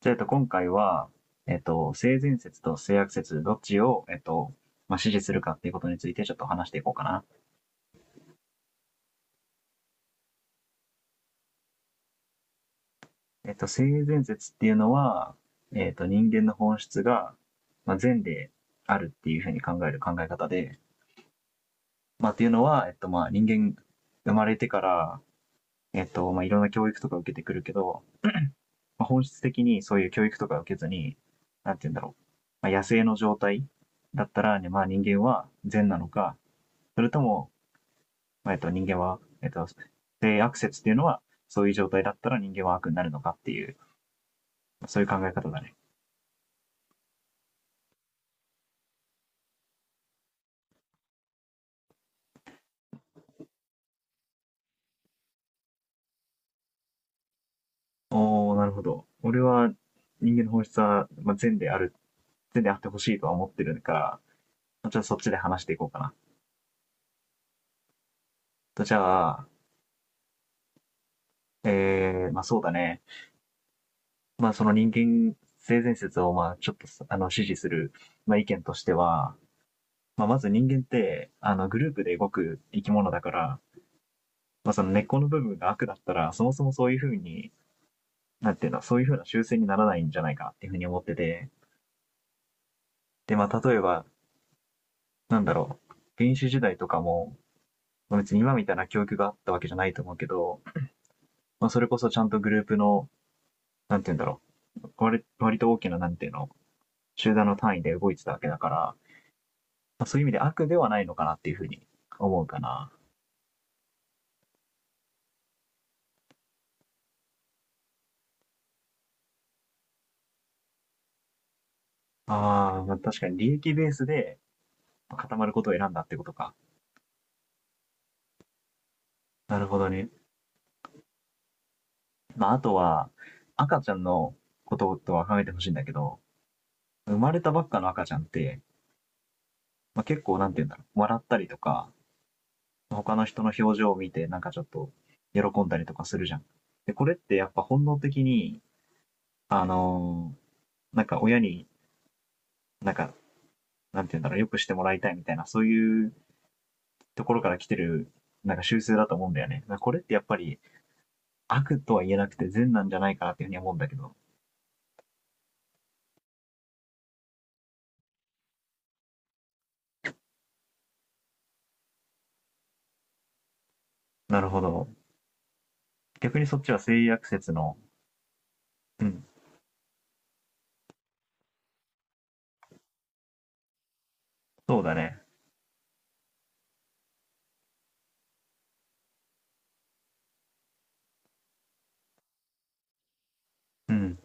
じゃあ、今回は、性善説と性悪説、どっちを、まあ、支持するかっていうことについてちょっと話していこうかな。性善説っていうのは、人間の本質が、まあ、善であるっていうふうに考える考え方で、まあ、っていうのは、まあ、人間生まれてから、まあ、いろんな教育とか受けてくるけど、まあ、本質的にそういう教育とか受けずに、なんて言うんだろう。まあ、野生の状態だったら、ね、まあ、人間は善なのか、それとも人間は、性悪説っていうのは、そういう状態だったら人間は悪になるのかっていう、そういう考え方だね。おー、なるほど。俺は人間の本質は、まあ、善である、善であってほしいとは思ってるから、じゃあそっちで話していこうかな。とじゃあ、まあそうだね。まあその人間性善説を、まあちょっと、支持する、まあ意見としては、まあまず人間って、グループで動く生き物だから、まあその根っこの部分が悪だったら、そもそもそういうふうになんていうの、そういうふうな修正にならないんじゃないかなっていうふうに思ってて、で、まあ、例えば、なんだろう、原始時代とかも、別に今みたいな教育があったわけじゃないと思うけど、まあ、それこそちゃんとグループの、なんていうんだろう、割と大きな、なんていうの、集団の単位で動いてたわけだから、まあ、そういう意味で悪ではないのかなっていうふうに思うかな。ああ、まあ、確かに利益ベースで固まることを選んだってことか。なるほどね。まあ、あとは、赤ちゃんのこととは考えてほしいんだけど、生まれたばっかの赤ちゃんって、まあ、結構なんて言うんだろう、笑ったりとか、他の人の表情を見てなんかちょっと喜んだりとかするじゃん。で、これってやっぱ本能的に、あのーなんか親になんか、なんて言うんだろう、よくしてもらいたいみたいな、そういうところから来てる、なんか習性だと思うんだよね。これってやっぱり悪とは言えなくて善なんじゃないかなっていうふうに思うんだけど。なるほど。逆にそっちは性悪説の、うん、そうだね。うん、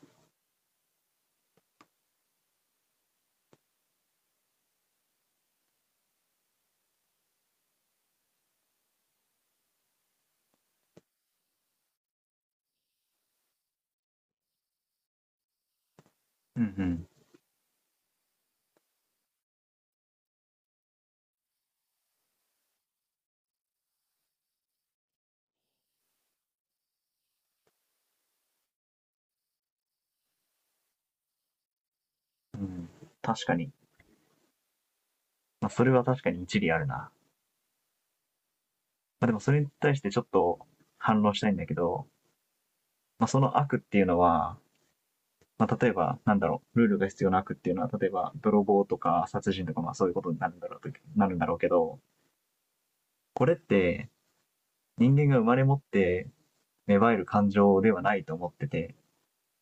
うん、うん。うん、確かに。まあ、それは確かに一理あるな。まあ、でもそれに対してちょっと反論したいんだけど、まあ、その悪っていうのは、まあ、例えば、なんだろう、ルールが必要な悪っていうのは、例えば、泥棒とか殺人とか、まあそういうことになるんだろうと、なるんだろうけど、これって人間が生まれ持って芽生える感情ではないと思ってて、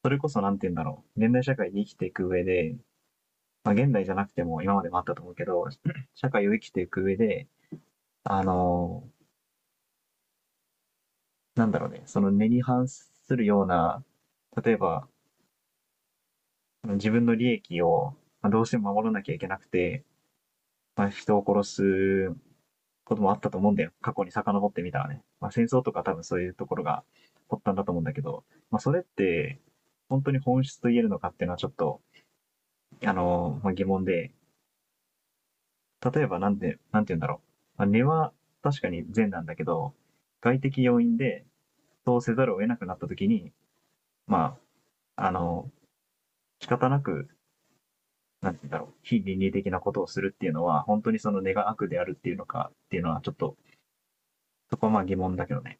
それこそなんて言うんだろう、現代社会に生きていく上で、まあ現代じゃなくても今までもあったと思うけど、社会を生きていく上で、あのーなんだろうね、その根に反するような、例えば自分の利益をどうしても守らなきゃいけなくて、まあ、人を殺すこともあったと思うんだよ。過去に遡ってみたらね。まあ、戦争とか多分そういうところが発端だと思うんだけど、まあ、それって本当に本質と言えるのかっていうのはちょっと、まあ、疑問で、例えばなんで、なんて言うんだろう。まあ、根は確かに善なんだけど、外的要因でそうせざるを得なくなった時に、まあ、仕方なくなんて言うんだろう、非倫理的なことをするっていうのは、本当にその根が悪であるっていうのかっていうのは、ちょっと、そこはまあ疑問だけどね。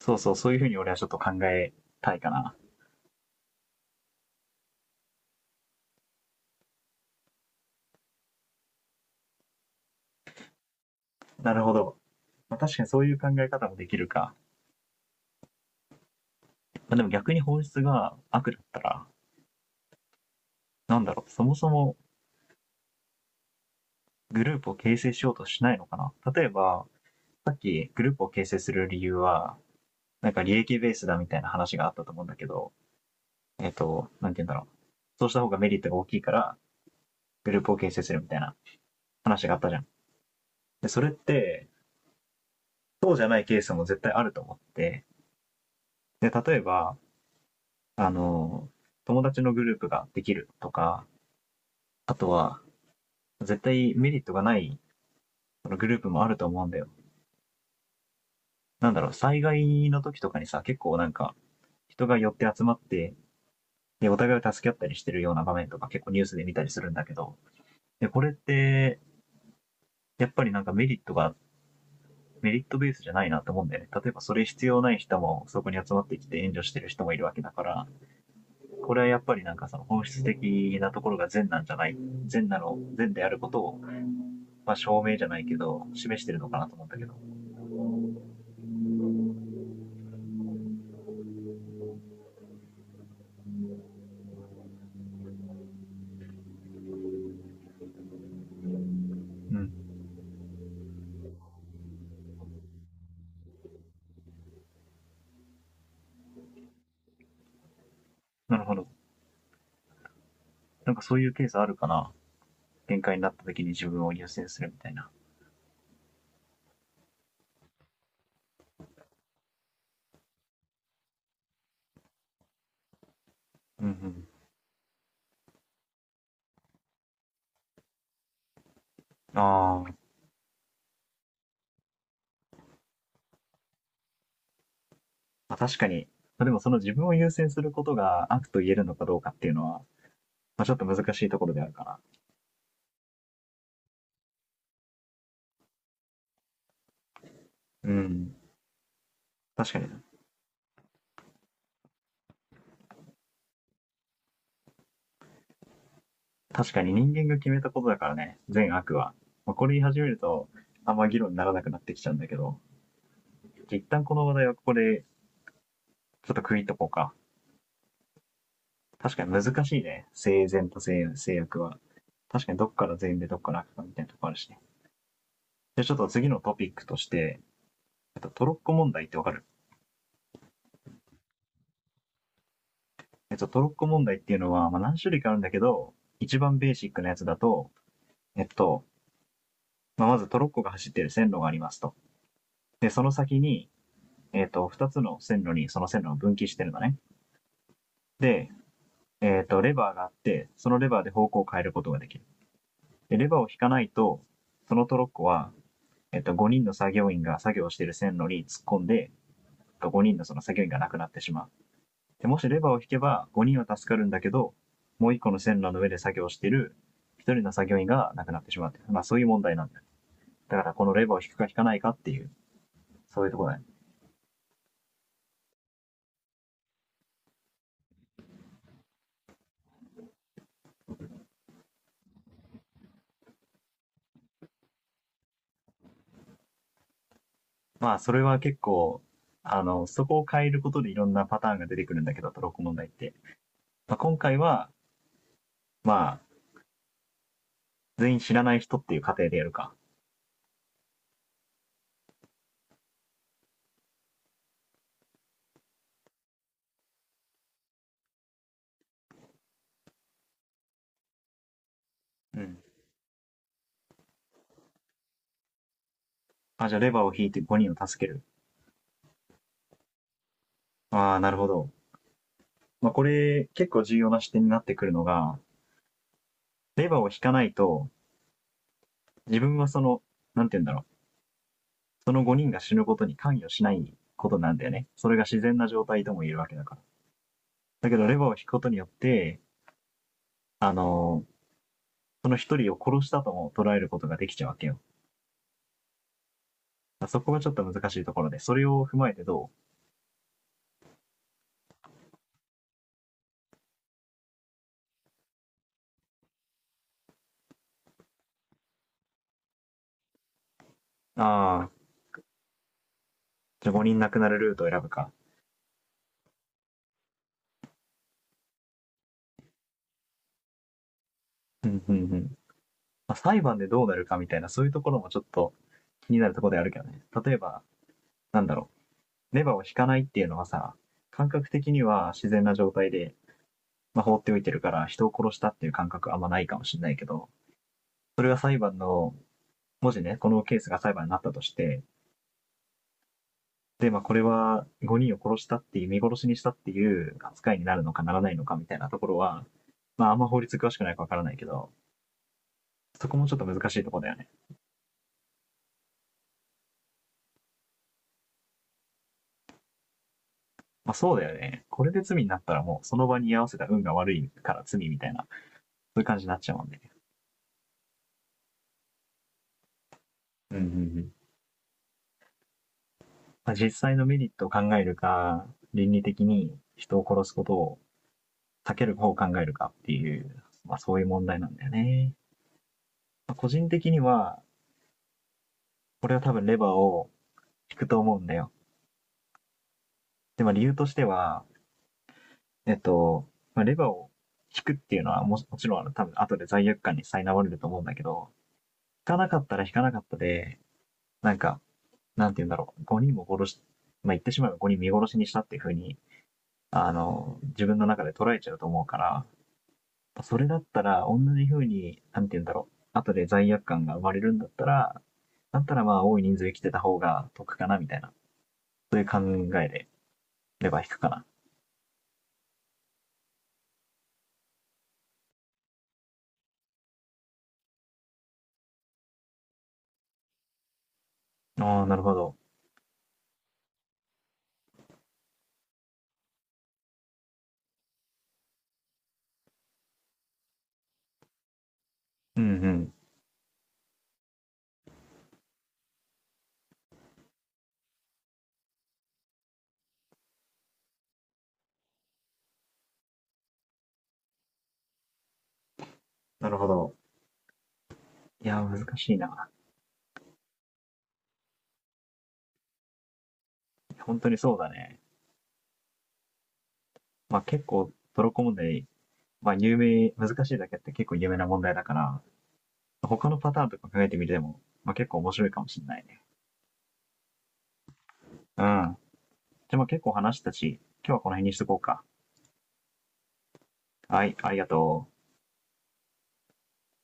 そうそう、そういうふうに俺はちょっと考えたいかな。なるほど。まあ、確かにそういう考え方もできるか。まあ、でも逆に法律が悪だったら、なんだろう、そもそもグループを形成しようとしないのかな。例えば、さっきグループを形成する理由は、なんか利益ベースだみたいな話があったと思うんだけど、なんて言うんだろう。そうした方がメリットが大きいから、グループを形成するみたいな話があったじゃん。で、それって、そうじゃないケースも絶対あると思って、で、例えば、あの、友達のグループができるとか、あとは、絶対メリットがないグループもあると思うんだよ。なんだろう、災害の時とかにさ、結構なんか、人が寄って集まって、で、お互いを助け合ったりしてるような場面とか結構ニュースで見たりするんだけど、で、これって、やっぱりなんかメリットベースじゃないなと思うんだよね。例えばそれ必要ない人もそこに集まってきて援助してる人もいるわけだから、これはやっぱりなんかその本質的なところが善なんじゃない、善なの、善であることを、まあ証明じゃないけど、示してるのかなと思ったけど。うん。なるほど。なんかそういうケースあるかな。限界になった時に自分を優先するみたいな。うんうん。あーまあ、確かに。まあでもその自分を優先することが悪と言えるのかどうかっていうのは、まあちょっと難しいところであるかな。うん。確かに。確かに人間が決めたことだからね、善悪は。まあ、これ言い始めると、あんま議論にならなくなってきちゃうんだけど、一旦この話題はここでちょっと区切っとこうか。確かに難しいね。生前と制約は。確かにどっから善でどっから悪かみたいなとこあるしね。じゃあちょっと次のトピックとして、トロッコ問題ってわかる？トロッコ問題っていうのは、まあ、何種類かあるんだけど、一番ベーシックなやつだと、えっと、まあ、まずトロッコが走ってる線路がありますと。で、その先に、二つの線路にその線路を分岐してるのね。で、レバーがあって、そのレバーで方向を変えることができる。で、レバーを引かないと、そのトロッコは5人の作業員が作業している線路に突っ込んで、5人のその作業員が亡くなってしまう。で、もしレバーを引けば5人は助かるんだけど、もう1個の線路の上で作業している1人の作業員が亡くなってしまう、まあそういう問題なんだよ。だからこのレバーを引くか引かないかっていう、そういうところだね。まあそれは結構、そこを変えることでいろんなパターンが出てくるんだけど、トロッコ問題って。今回は、まあ、全員知らない人っていう過程でやるか。うん。あ、じゃあレバーを引いて5人を助ける。ああ、なるほど。まあ、これ結構重要な視点になってくるのが、レバーを引かないと、自分はその、なんて言うんだろう、その5人が死ぬことに関与しないことなんだよね。それが自然な状態とも言えるわけだから。だけど、レバーを引くことによって、あのーその1人を殺したとも捉えることができちゃうわけよ。そこがちょっと難しいところで、それを踏まえてどうああ、じゃあ5人亡くなるルートを選ぶか。うんうんうん。まあ、裁判でどうなるかみたいな、そういうところもちょっと気になるところであるけどね。例えば、なんだろう。レバーを引かないっていうのはさ、感覚的には自然な状態で、まあ、放っておいてるから人を殺したっていう感覚はあんまないかもしれないけど、それが裁判の、もしね、このケースが裁判になったとして、で、まあ、これは5人を殺したっていう、見殺しにしたっていう扱いになるのかならないのかみたいなところは、まあ、あんま法律詳しくないかわからないけど、そこもちょっと難しいところだよね。まあ、そうだよね。これで罪になったらもう、その場に居合わせた運が悪いから罪みたいな、そういう感じになっちゃうもんね。うんうんうん。まあ実際のメリットを考えるか、倫理的に人を殺すことを避ける方を考えるかっていう、まあそういう問題なんだよね。まあ個人的には、これは多分レバーを引くと思うんだよ。で、まあ理由としては、えっと、まあレバーを引くっていうのはもちろん多分後で罪悪感に苛まれると思うんだけど、引かなかったら引かなかったで、なんか、なんて言うんだろう、5人も殺し、まあ言ってしまえば5人見殺しにしたっていうふうに、自分の中で捉えちゃうと思うから、それだったら、同じ風に、なんて言うんだろう。後で罪悪感が生まれるんだったら、だったらまあ多い人数生きてた方が得かな、みたいな。そういう考えで、レバー引くかな。ああ、なるほど。うんうん。なるほど。いや難しいな。本当にそうだね。まあ結構、トロッコ問題、まあ有名、難しいだけあって結構有名な問題だから、他のパターンとか考えてみても、まあ結構面白いかもしれないね。うん。じゃあまあ結構話したし、今日はこの辺にしとこうか。はい、ありがとう。